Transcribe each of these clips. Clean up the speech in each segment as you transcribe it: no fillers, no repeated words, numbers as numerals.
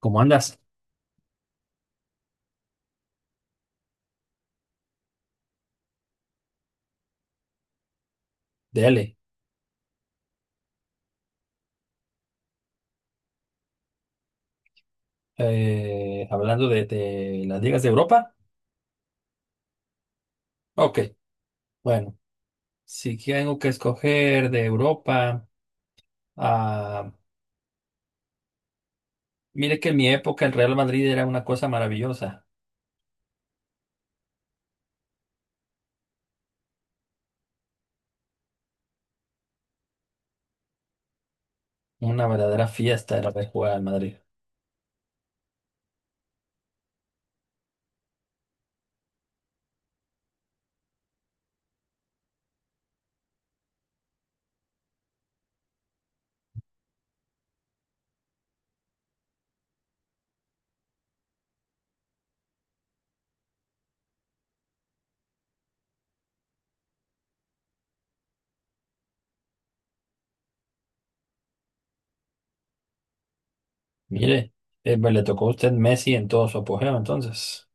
¿Cómo andas? Dele. Hablando de las ligas de Europa. Ok, bueno, si tengo que escoger de Europa, ah, mire que en mi época el Real Madrid era una cosa maravillosa, una verdadera fiesta era ver jugar al Madrid. Mire, pues le tocó a usted Messi en todo su apogeo, entonces.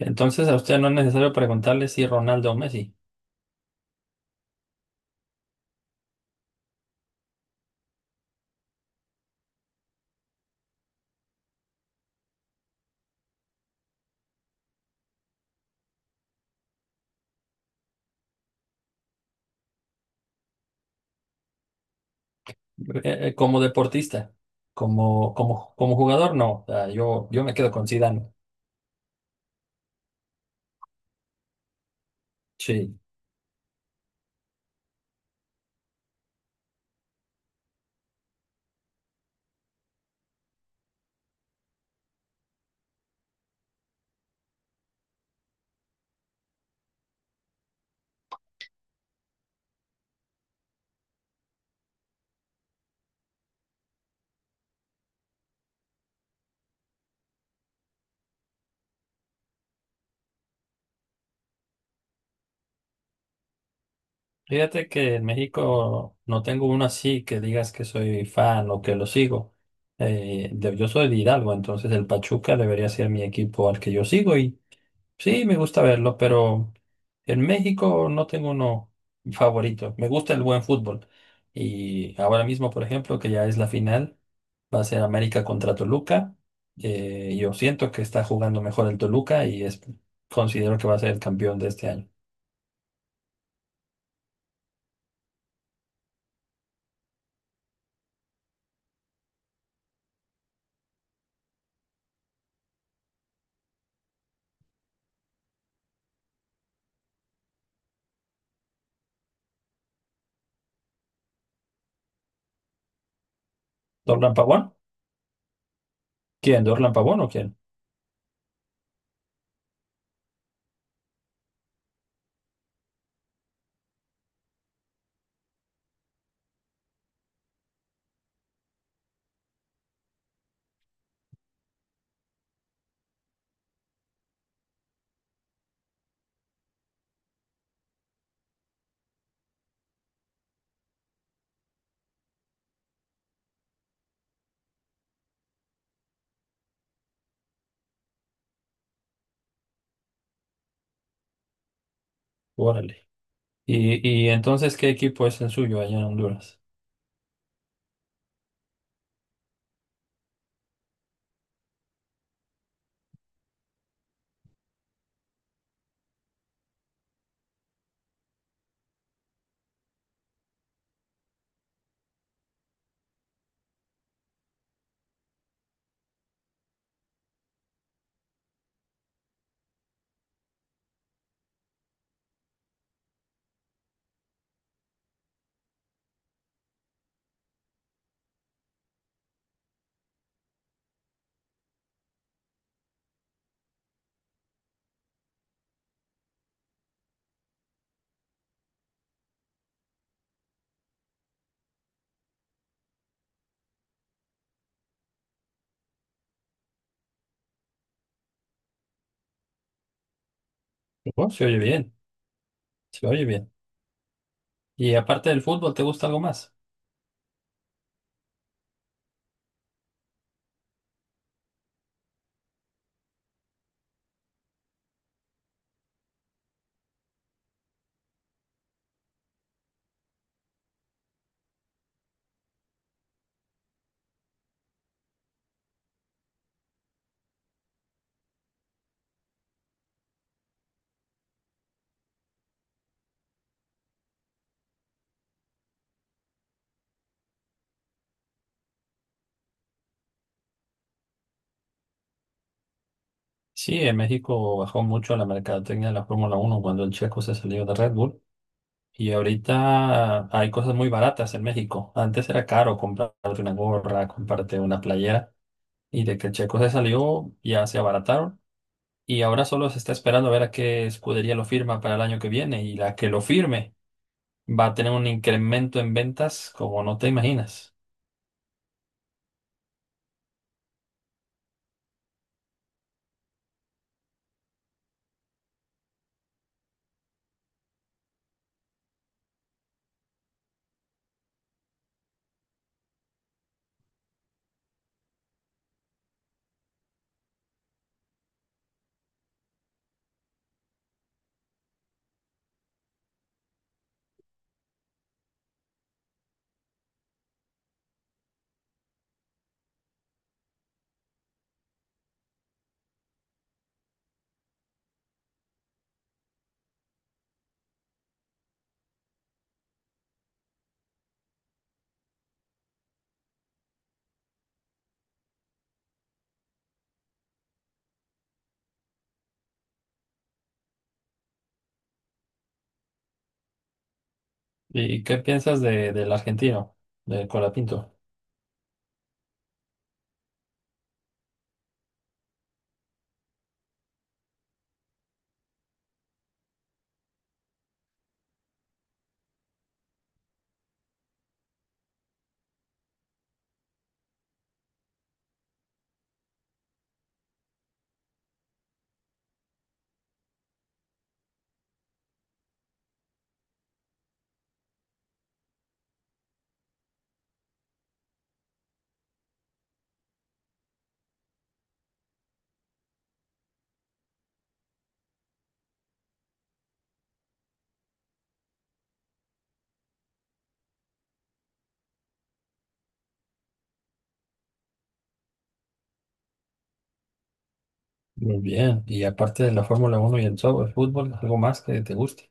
Entonces a usted no es necesario preguntarle si Ronaldo o Messi. Como deportista, como jugador, no. O sea, yo me quedo con Zidane. Sí. Fíjate que en México no tengo uno así que digas que soy fan o que lo sigo. Yo soy de Hidalgo, entonces el Pachuca debería ser mi equipo al que yo sigo y sí, me gusta verlo, pero en México no tengo uno favorito. Me gusta el buen fútbol. Y ahora mismo, por ejemplo, que ya es la final, va a ser América contra Toluca. Yo siento que está jugando mejor el Toluca considero que va a ser el campeón de este año. ¿Dorlan Pavón? ¿Quién? ¿Dorlan Pavón o quién? Órale. Y entonces qué equipo es el suyo allá en Honduras? ¿No? Se oye bien, se oye bien. Y aparte del fútbol, ¿te gusta algo más? Sí, en México bajó mucho la mercadotecnia de la Fórmula Uno cuando el checo se salió de Red Bull. Y ahorita hay cosas muy baratas en México. Antes era caro comprarte una gorra, comprarte una playera. Y de que el checo se salió, ya se abarataron. Y ahora solo se está esperando a ver a qué escudería lo firma para el año que viene. Y la que lo firme va a tener un incremento en ventas como no te imaginas. ¿Y qué piensas de, del argentino, del Colapinto? Muy bien, y aparte de la Fórmula uno y el fútbol, algo más que te guste.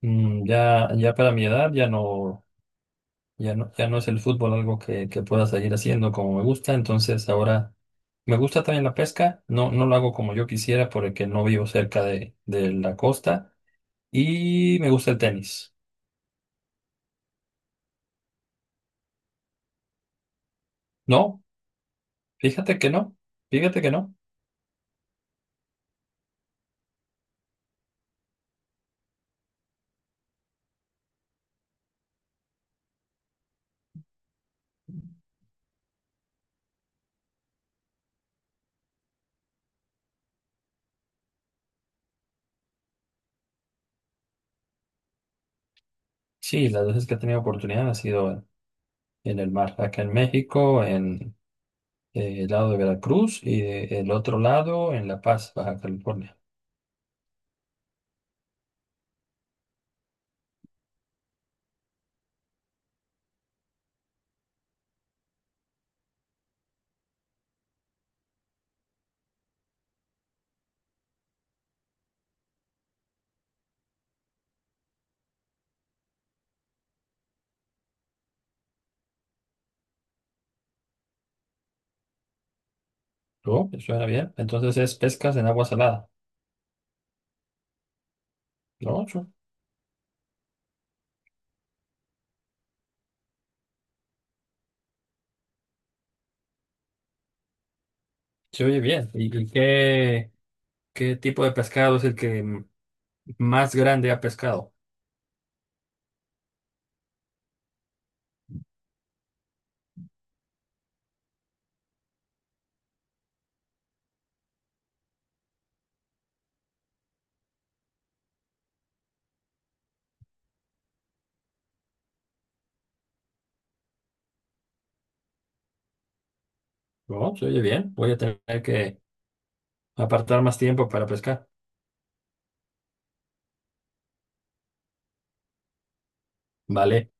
Mm, ya, ya para mi edad ya no, ya no, ya no es el fútbol algo que pueda seguir haciendo como me gusta, entonces ahora me gusta también la pesca, no, no lo hago como yo quisiera porque no vivo cerca de la costa y me gusta el tenis. No, fíjate que no, fíjate que no. Sí, las veces que he tenido oportunidad ha sido en el mar, acá en México, en el lado de Veracruz el otro lado en La Paz, Baja California. ¿No? Me suena bien. Entonces es pescas en agua salada. ¿No? ¿Su- se oye bien. Y qué, qué tipo de pescado es más grande ha pescado? ¿No? Se oye bien. Voy a tener que apartar más tiempo para pescar. Vale.